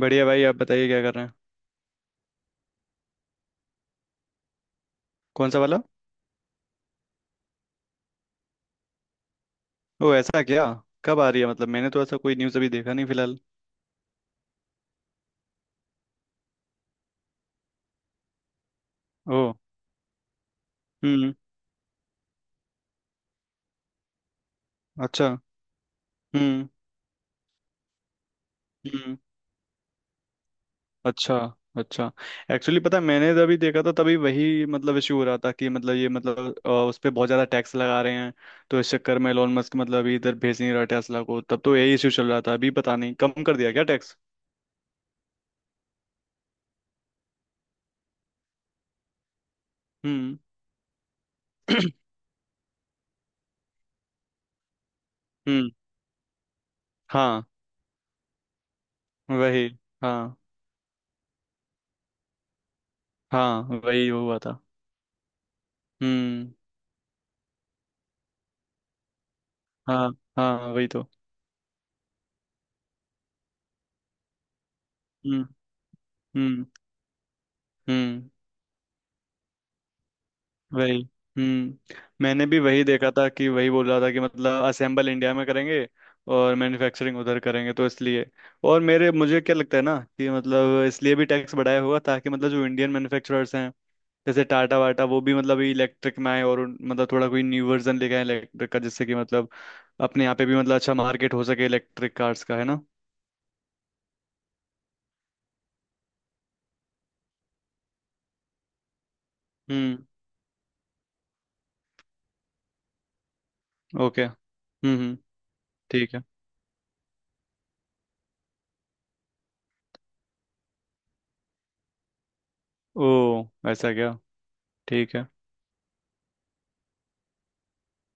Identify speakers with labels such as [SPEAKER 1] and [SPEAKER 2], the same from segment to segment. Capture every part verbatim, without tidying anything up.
[SPEAKER 1] बढ़िया भाई। आप बताइए क्या कर रहे हैं। कौन सा वाला। ओ ऐसा क्या। कब आ रही है? मतलब मैंने तो ऐसा कोई न्यूज़ अभी देखा नहीं फिलहाल। ओ। हम्म। अच्छा। हम्म। हम्म। अच्छा। अच्छा। एक्चुअली पता है, मैंने जब अभी देखा था तभी वही मतलब इशू हो रहा था कि मतलब ये मतलब अ, उस पर बहुत ज़्यादा टैक्स लगा रहे हैं। तो इस चक्कर में एलोन मस्क मतलब अभी इधर भेज नहीं रहा टेस्ला को। तब तो यही इशू चल रहा था। अभी पता नहीं कम कर दिया क्या टैक्स। हम्म। हम्म। हाँ। वही। हाँ। हाँ वही हुआ था। हम्म। हाँ। हाँ वही तो। हम्म। हम्म। हम्म वही। हम्म। मैंने भी वही देखा था कि वही बोल रहा था कि मतलब असेंबल इंडिया में करेंगे और मैन्युफैक्चरिंग उधर करेंगे तो इसलिए। और मेरे मुझे क्या लगता है ना कि मतलब इसलिए भी टैक्स बढ़ाया होगा ताकि मतलब जो इंडियन मैन्युफैक्चरर्स हैं जैसे टाटा वाटा वो भी मतलब इलेक्ट्रिक में आए और उन- मतलब थोड़ा कोई न्यू वर्जन लेके आए इलेक्ट्रिक का जिससे कि मतलब अपने यहाँ पे भी मतलब अच्छा मार्केट हो सके इलेक्ट्रिक कार्स का। है ना? हम्म। ओके। हम्म। हम्म। ठीक है। ओ ऐसा क्या। ठीक है।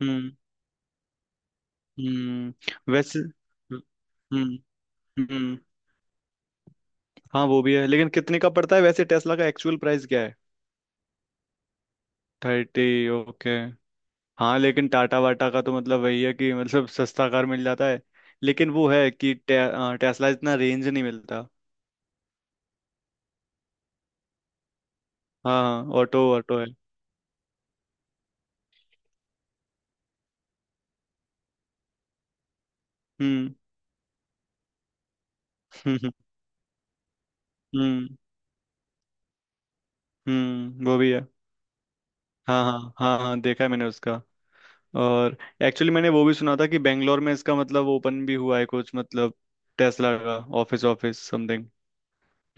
[SPEAKER 1] हम्म। हम्म वैसे। हम्म। हम्म। हाँ वो भी है। लेकिन कितने का पड़ता है वैसे? टेस्ला का एक्चुअल प्राइस क्या है? थर्टी। ओके। हाँ लेकिन टाटा वाटा का तो मतलब वही है कि मतलब सस्ता कार मिल जाता है। लेकिन वो है कि टे, अ, टेस्ला इतना रेंज नहीं मिलता। हाँ हाँ। ऑटो ऑटो है। हम्म। हम्म। हम्म। हम्म वो भी है। हाँ हाँ हाँ हाँ, देखा है मैंने उसका। और एक्चुअली मैंने वो भी सुना था कि बेंगलोर में इसका मतलब ओपन भी हुआ है कुछ मतलब। टेस्ला का ऑफिस। Office something.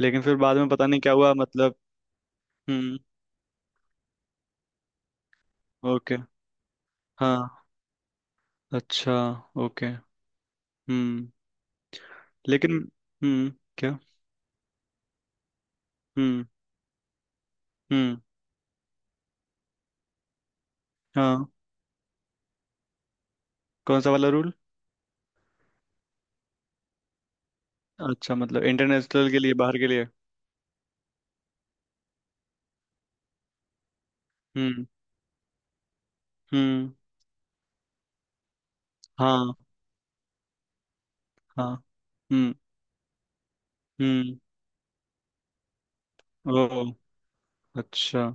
[SPEAKER 1] लेकिन फिर बाद में पता नहीं क्या हुआ मतलब। हम्म। ओके। हाँ। अच्छा। ओके। हम्म। लेकिन। हम्म। क्या। हम्म। हम्म। हाँ। कौन सा वाला रूल? अच्छा मतलब इंटरनेशनल के लिए? बाहर के लिए? हम्म। हम्म। हाँ। हाँ। हम्म। हम्म। ओ। अच्छा।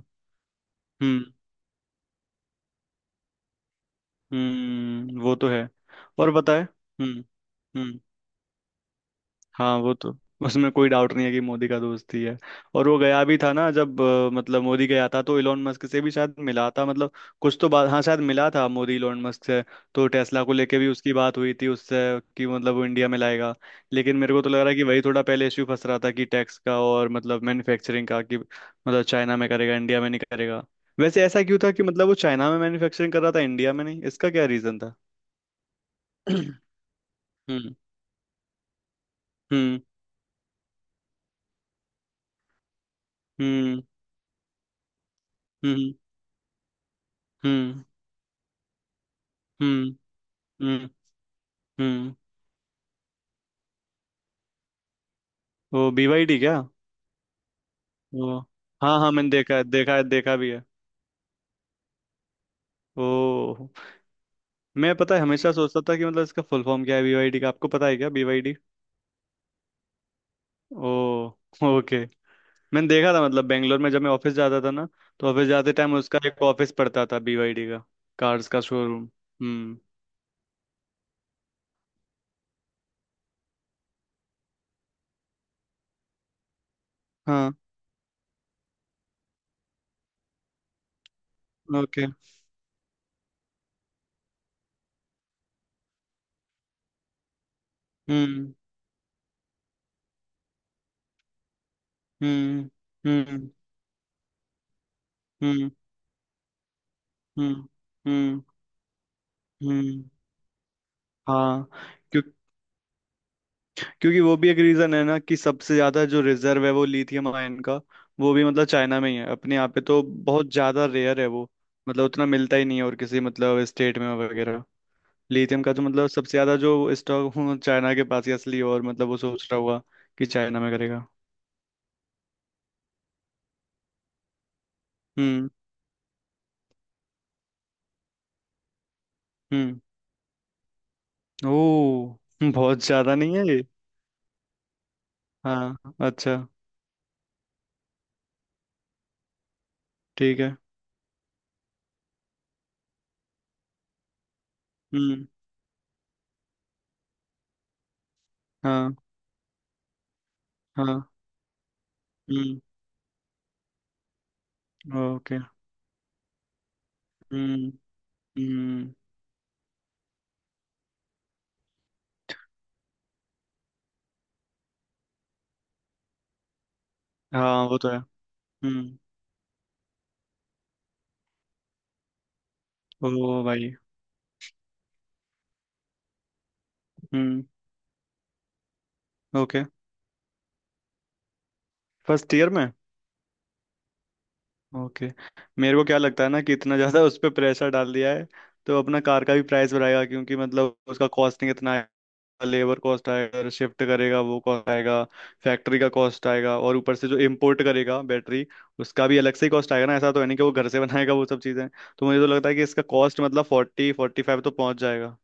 [SPEAKER 1] हम्म। हम्म वो तो है। और बताए। हम्म। हम्म, हाँ वो तो। उसमें कोई डाउट नहीं है कि मोदी का दोस्त ही है। और वो गया भी था ना जब अ, मतलब मोदी गया था तो इलोन मस्क से भी शायद मिला था मतलब। कुछ तो बात, हाँ शायद मिला था मोदी इलोन मस्क से। तो टेस्ला को लेके भी उसकी बात हुई थी उससे कि मतलब वो इंडिया में लाएगा। लेकिन मेरे को तो लग रहा है कि वही थोड़ा पहले इश्यू फंस रहा था कि टैक्स का और मतलब मैन्युफैक्चरिंग का कि मतलब चाइना में करेगा इंडिया में नहीं करेगा। वैसे ऐसा क्यों था कि मतलब वो चाइना में मैन्युफैक्चरिंग कर रहा था इंडिया में नहीं? इसका क्या रीजन था? हम्म। हम्म। हम्म। हम्म। हम्म। हम्म। हम्म। हम्म। वो बीवाईडी क्या? वो, हाँ हाँ, मैंने देखा है देखा है देखा भी है। ओ। मैं पता है हमेशा सोचता था कि मतलब इसका फुल फॉर्म क्या है बीवाईडी का। आपको पता है क्या बीवाईडी? ओ। ओके। मैंने देखा था मतलब बेंगलोर में जब मैं ऑफिस जाता था ना तो ऑफिस जाते टाइम उसका एक ऑफिस पड़ता था बीवाईडी का। कार्स का शोरूम। हम्म। हाँ। ओके। हम्म। हम्म। हम्म। हम्म। हम्म। हम्म। हम्म। हाँ। क्योंकि वो भी एक रीजन है ना कि सबसे ज्यादा जो रिजर्व है वो लिथियम आयन का, वो भी मतलब चाइना में ही है। अपने यहाँ पे तो बहुत ज्यादा रेयर है वो। मतलब उतना मिलता ही नहीं है और किसी मतलब स्टेट में वगैरह। लिथियम का तो मतलब सबसे ज्यादा जो स्टॉक चाइना के पास ही असली, और मतलब वो सोच रहा होगा कि चाइना में करेगा। हम्म। हम्म। ओ। बहुत ज्यादा नहीं है ये। हाँ। अच्छा। ठीक है। हम्म। हाँ। हाँ। हम्म। ओके। हम्म। हम्म। हाँ वो तो है। हम्म। ओ भाई। हम्म। ओके। फर्स्ट ईयर में? ओके। मेरे को क्या लगता है ना कि इतना ज़्यादा उस पर प्रेशर डाल दिया है तो अपना कार का भी प्राइस बढ़ाएगा क्योंकि मतलब उसका कॉस्टिंग इतना आएगा। लेबर कॉस्ट आएगा, शिफ्ट करेगा वो कॉस्ट आएगा, फैक्ट्री का कॉस्ट आएगा, और ऊपर से जो इम्पोर्ट करेगा बैटरी उसका भी अलग से ही कॉस्ट आएगा ना। ऐसा तो है नहीं कि वो घर से बनाएगा वो सब चीज़ें। तो मुझे तो लगता है कि इसका कॉस्ट मतलब फोर्टी फोर्टी फाइव तो पहुंच जाएगा।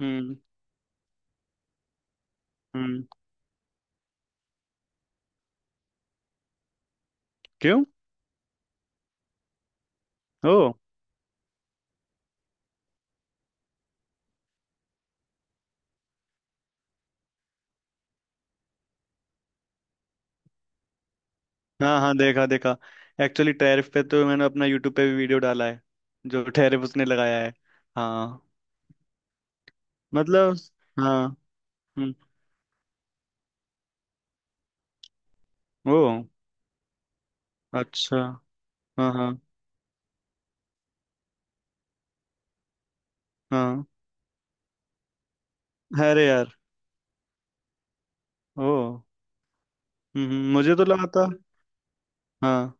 [SPEAKER 1] हम्म। हम्म। क्यों? ओ। हाँ हाँ, देखा देखा। एक्चुअली टैरिफ पे तो मैंने अपना यूट्यूब पे भी वीडियो डाला है जो टैरिफ उसने लगाया है। हाँ। मतलब। हाँ। हम्म। ओ। अच्छा। हाँ। हाँ। हाँ। अरे यार। ओ। हम्म हम्म, मुझे तो लगा था। हाँ।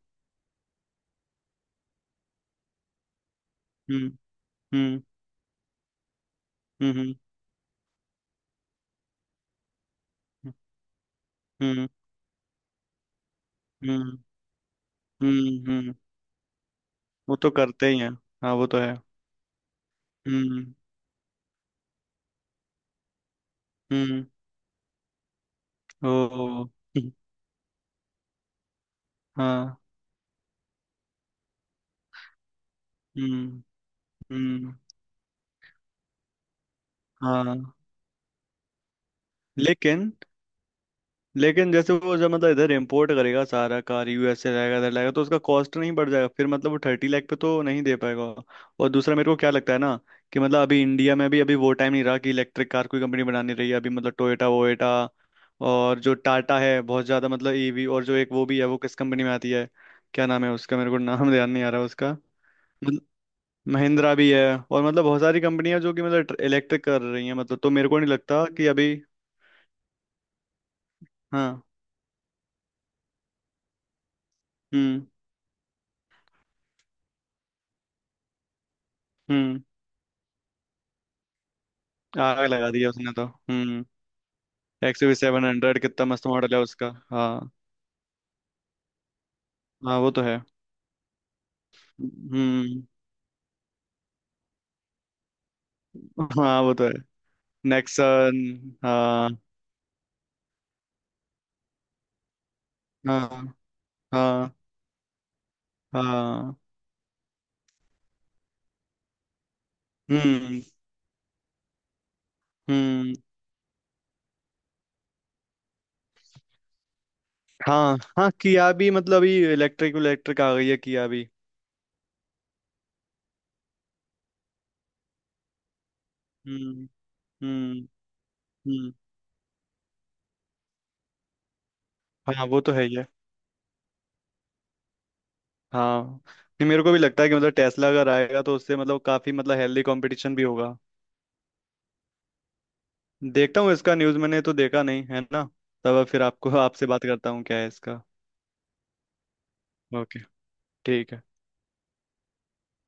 [SPEAKER 1] हम्म। हम्म। हम्म। हम्म। हम्म। हम्म। हम्म। हम्म, वो तो करते ही हैं। हाँ वो तो है। हम्म। हम्म। ओ। हाँ। हम्म। हम्म। हाँ। लेकिन। लेकिन जैसे वो जब मतलब इधर इम्पोर्ट करेगा सारा कार यूएस से रहेगा इधर लाएगा तो उसका कॉस्ट नहीं बढ़ जाएगा फिर? मतलब वो थर्टी लाख पे तो नहीं दे पाएगा। और दूसरा मेरे को क्या लगता है ना कि मतलब अभी इंडिया में भी अभी वो टाइम नहीं रहा कि इलेक्ट्रिक कार कोई कंपनी बना नहीं रही है अभी मतलब टोयोटा वोयोटा। और जो टाटा है बहुत ज़्यादा मतलब ईवी, और जो एक वो भी है वो किस कंपनी में आती है? क्या नाम है उसका? मेरे को नाम ध्यान नहीं आ रहा उसका। मतलब। महिंद्रा भी है। और मतलब बहुत सारी कंपनियां जो कि मतलब इलेक्ट्रिक कर रही हैं मतलब, तो मेरे को नहीं लगता कि अभी। हाँ। हम्म। हम्म। आग लगा दिया उसने तो। हम्म। X U V seven hundred कितना मस्त मॉडल है उसका। हाँ। हाँ वो तो है। हम्म। हाँ वो तो है। नेक्सन। हाँ हाँ हाँ हाँ। हम्म। हम्म। हाँ हाँ किया भी मतलब ये इलेक्ट्रिक इलेक्ट्रिक आ गई है किया भी। हम्म। हम्म। हम्म। हाँ वो तो है ही है। हाँ। नहीं, मेरे को भी लगता है कि मतलब टेस्ला अगर आएगा तो उससे मतलब काफी मतलब हेल्दी कंपटीशन भी होगा। देखता हूँ इसका न्यूज़ मैंने तो देखा नहीं है ना। तब अब फिर आपको आपसे बात करता हूँ क्या है इसका। ओके। ठीक है।